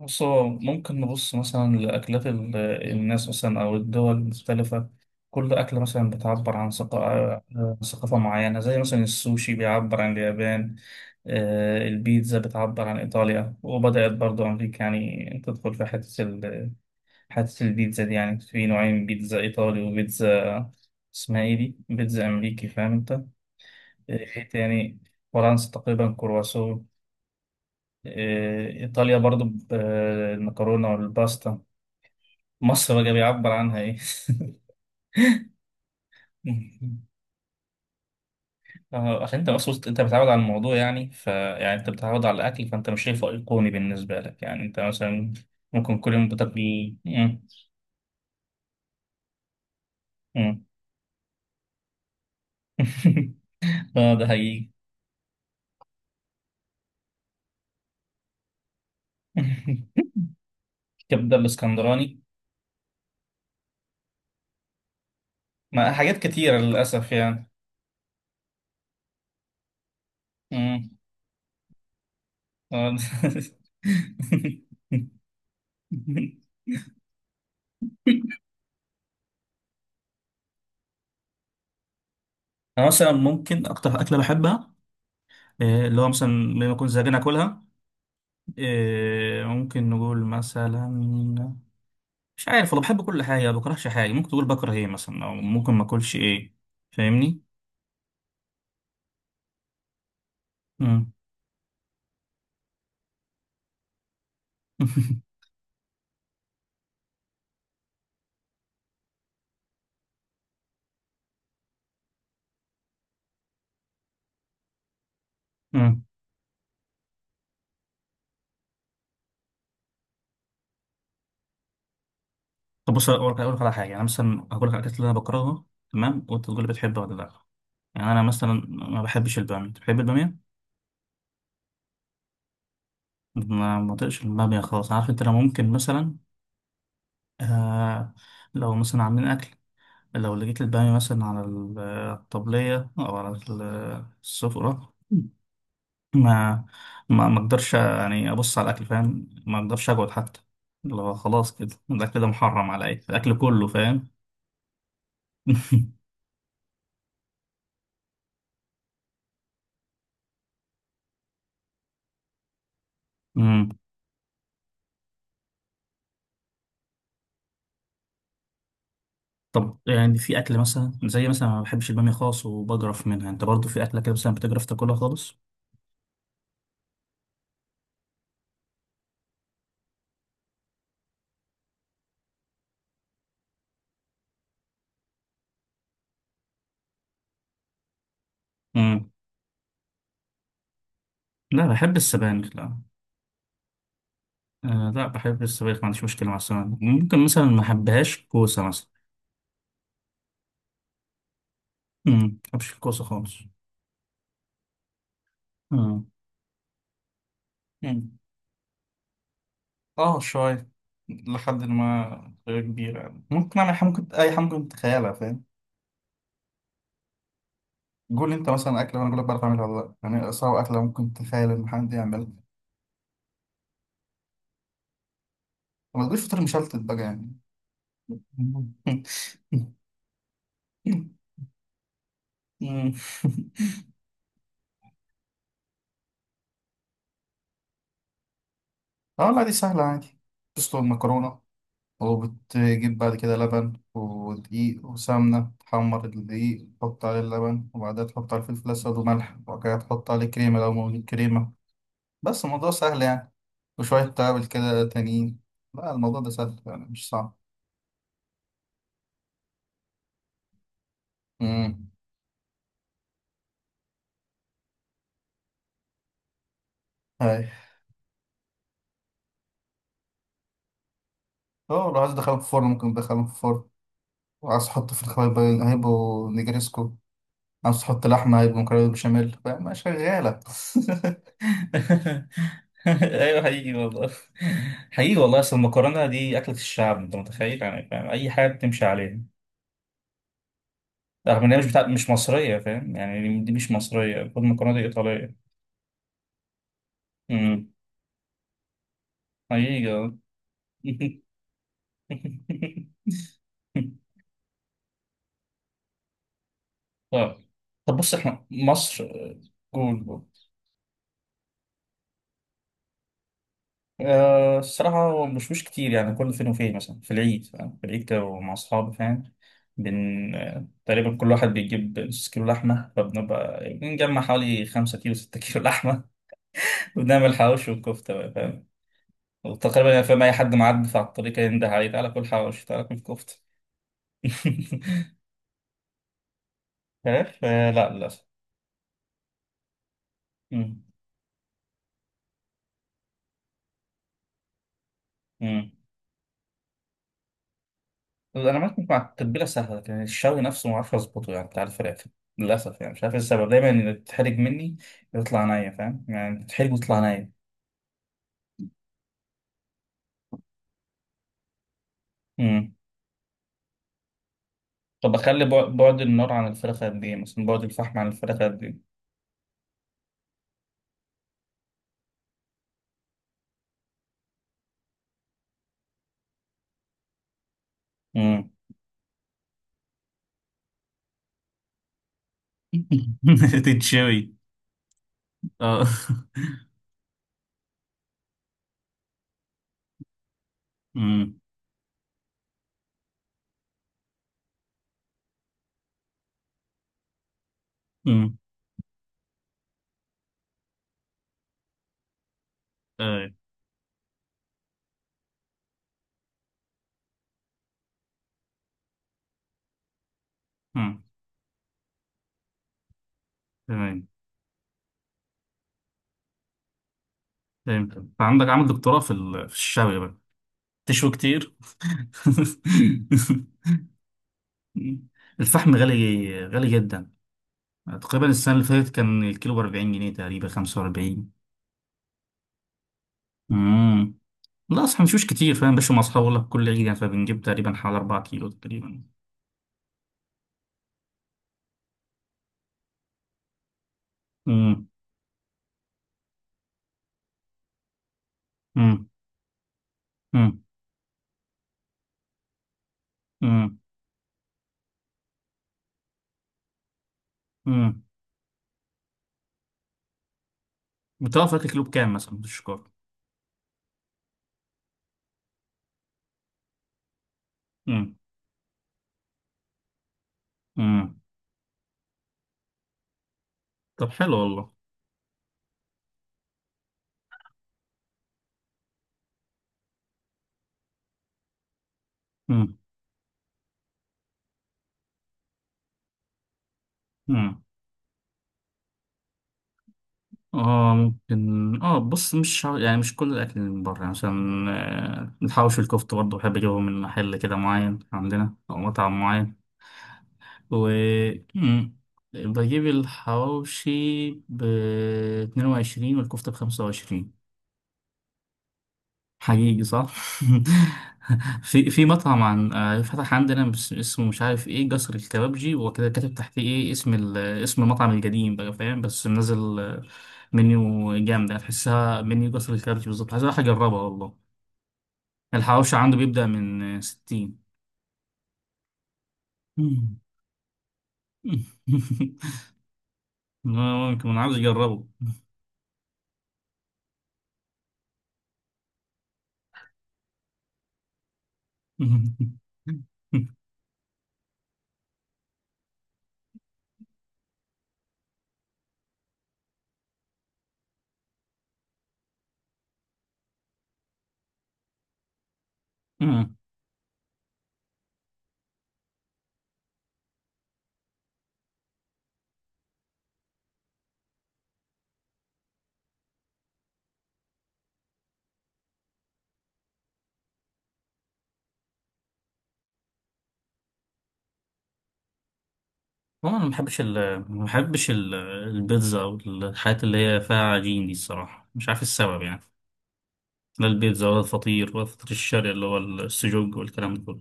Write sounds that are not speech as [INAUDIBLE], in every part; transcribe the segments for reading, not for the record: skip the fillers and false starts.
بص، هو ممكن نبص مثلا لأكلات الناس، مثلا، أو الدول المختلفة. كل أكلة مثلا بتعبر عن عن ثقافة معينة، زي مثلا السوشي بيعبر عن اليابان. البيتزا بتعبر عن إيطاليا، وبدأت برضو أمريكا يعني تدخل في حتة البيتزا دي. يعني في نوعين: بيتزا إيطالي وبيتزا اسمها إيه دي، بيتزا أمريكي. فاهم أنت؟ إيه تاني؟ فرنسا تقريبا كرواسون. إيطاليا برضو المكرونة والباستا. مصر بقى بيعبر عنها ايه؟ [LAUGHS] عشان انت مصر، انت بتتعود على الموضوع يعني. يعني انت بتتعود على الاكل، فانت مش شايفه ايقوني بالنسبه لك. يعني انت مثلا ممكن كل يوم بتاكل إيه؟ مم. مم. [LAUGHS] اه، ده حقيقي. [LAUGHS] كبده الاسكندراني. ما حاجات كتيره للاسف يعني. مم. آه. [LAUGHS] انا مثلا ممكن اكتر اكله بحبها، اللي هو مثلا لما اكون زهقان اكلها. ممكن نقول مثلا، مش عارف والله. بحب كل حاجة، ما بكرهش حاجة. ممكن تقول بكره ايه مثلا، او ممكن ما اكلش ايه. فاهمني؟ امم. امم. [LAUGHS] طب بص، اقول لك أقول لك على حاجة. يعني انا مثلا هقول لك على الاكلات اللي انا بكرهها، تمام؟ وانت تقول لي بتحبها ولا لا. يعني انا مثلا ما بحبش البامية. بتحب البامية؟ ما بطيقش البامية خالص، عارف انت. انا ممكن مثلا، آه، لو مثلا عاملين اكل، لو لقيت البامية مثلا على الطبلية او على السفرة، ما ما اقدرش يعني ابص على الاكل، فاهم؟ ما اقدرش اقعد حتى. اللي هو خلاص كده الاكل ده محرم عليا، الاكل كله، فاهم؟ [LAUGHS] امم. طب يعني في اكل مثلا زي ما بحبش الباميه خالص وبجرف منها. انت برضو في اكله كده مثلا بتجرف تاكلها خالص؟ امم. لا، بحب السبانخ، لا. آه، لا، بحب السبانخ، ما عنديش مشكله مع السبانخ. ممكن مثلا ما احبهاش كوسه مثلا. امم. ما بحبش الكوسه خالص. امم. اه، شوية. لحد ما غير كبيرة يعني، ممكن أعمل حاجة، ممكن أي حاجة ممكن تتخيلها، فاهم؟ قول لي أنت مثلا أكلة وأنا أقول لك بعرف أعملها ولا لأ. يعني أصعب أكلة ممكن تتخيل إن حد يعملها. ما تقوليش فطير مشلتت بقى يعني. [LAUGHS] اه لا، دي سهلة عادي. تسلق المكرونة، وبتجيب بعد كده لبن ودقيق وسمنة، تحمر الدقيق، تحط عليه اللبن، وبعدها تحط عليه الفلفل الأسود وملح، وبعد كده تحط عليه كريمة لو موجود كريمة. بس الموضوع سهل يعني. وشوية توابل كده تانيين. لا، الموضوع ده سهل يعني، مش صعب. امم. هاي. اه، لو عايز تدخلهم في الفرن، ممكن تدخلهم في الفرن. وعايز تحط في الخبايب، هيبقوا نجريسكو. عايز تحط لحمة، هيبقوا مكرونة بشاميل. فاهم؟ شغالة. [LAUGHS] ايوه، حقيقي والله. حقيقي والله، اصل المكرونه دي اكله الشعب. انت متخيل يعني؟ فاهم، اي حاجه بتمشي عليها، رغم ان هي مش مصريه، فاهم يعني؟ دي مش مصريه، المفروض المكرونه دي ايطاليه. امم. حقيقي. [LAUGHS] آه. [LAUGHS] طيب. طب بص، احنا مصر، جول جول. الصراحة هو مش مش كتير يعني، كل فين وفين، مثلا في العيد، فاهم؟ في العيد كده، ومع أصحابي، فاهم؟ بن آه، تقريبا كل واحد بيجيب نص كيلو لحمة، فبنبقى بنجمع حوالي خمسة كيلو، ستة كيلو لحمة. [LAUGHS] وبنعمل حواوشي وكفتة بقى، فاهم؟ وتقريبا يعني فاهم، أي حد معدي على الطريق ينده عليه: تعالى كل حواوشي، تعالى كل كفتة. [LAUGHS] عارف، لا، للأسف. مم. مم. انا معاك، مع التتبيله سهله، لكن الشوي نفسه ما اعرفش اظبطه، يعني بتاع الفراخ. للاسف يعني مش عارف ايه السبب، دايما اللي بتتحرج مني يطلع نيه، فاهم يعني؟ بتتحرج ويطلع نيه. امم. طب اخلي بعد النار عن الفراخ قد ايه مثلا؟ بعد الفحم عن الفراخ قد ايه؟ امم. [LAUGHS] تتشوي. اه. امم. امم. اي. امم. تمام. فهمت. انت عندك عامل دكتوراه في في الشوي بقى. تشوي كتير. [LAUGHS] الفحم غالي، غالي جدا. تقريبا السنة اللي فاتت كان الكيلو ب 40 جنيه، تقريبا 45. امم. لا، اصلا مشوش كتير، فاهم؟ باش مع اصحابي ولا كل عيد يعني، فبنجيب تقريبا حوالي 4 كيلو تقريبا. امم. امم. امم. امم. امم. بتعرف تاكل كيلو بكام مثلا بالشكر؟ امم. امم. طب حلو والله. امم. امم. اه، ممكن، اه. بص، مش يعني مش كل الاكل من بره يعني. مثلا، الحواوشي والكفته برضه بحب اجيبهم من محل كده معين عندنا، او مطعم معين. و، مم. بجيب الحواوشي ب 22، والكفتة ب 25. حقيقي، صح؟ [LAUGHS] في مطعم عن آه، فتح عندنا، اسمه مش عارف ايه، جسر الكبابجي وكده، كاتب تحتيه ايه، اسم اسم المطعم القديم بقى، فاهم؟ بس منزل منيو جامدة، تحسها منيو جسر الكبابجي بالظبط. عايز أروح أجربها والله. الحواوشي عنده بيبدأ من 60. [LAUGHS] ممكن، أنا عاوز أجربه. [LAUGHS] امم. هو انا ما بحبش ما بحبش البيتزا، او الحاجات اللي هي فيها عجين دي. الصراحه مش عارف إيه السبب يعني، لا البيتزا، ولا الفطير، ولا الفطير الشرقي اللي هو السجق والكلام ده كله.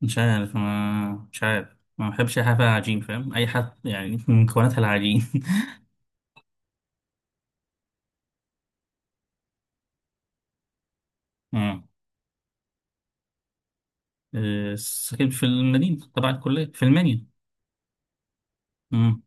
مش عارف، ما بحبش اي حاجه فيها عجين، فاهم؟ اي حد يعني [LAUGHS] من مكوناتها العجين. [LAUGHS] امم. ساكن في المدينه تبع الكليه، في المنيو. امم.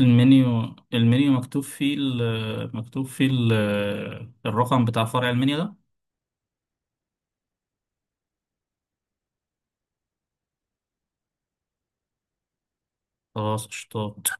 المنيو، مكتوب فيه مكتوب فيه الرقم بتاع فرع المنيو ده. خلاص، قشطات.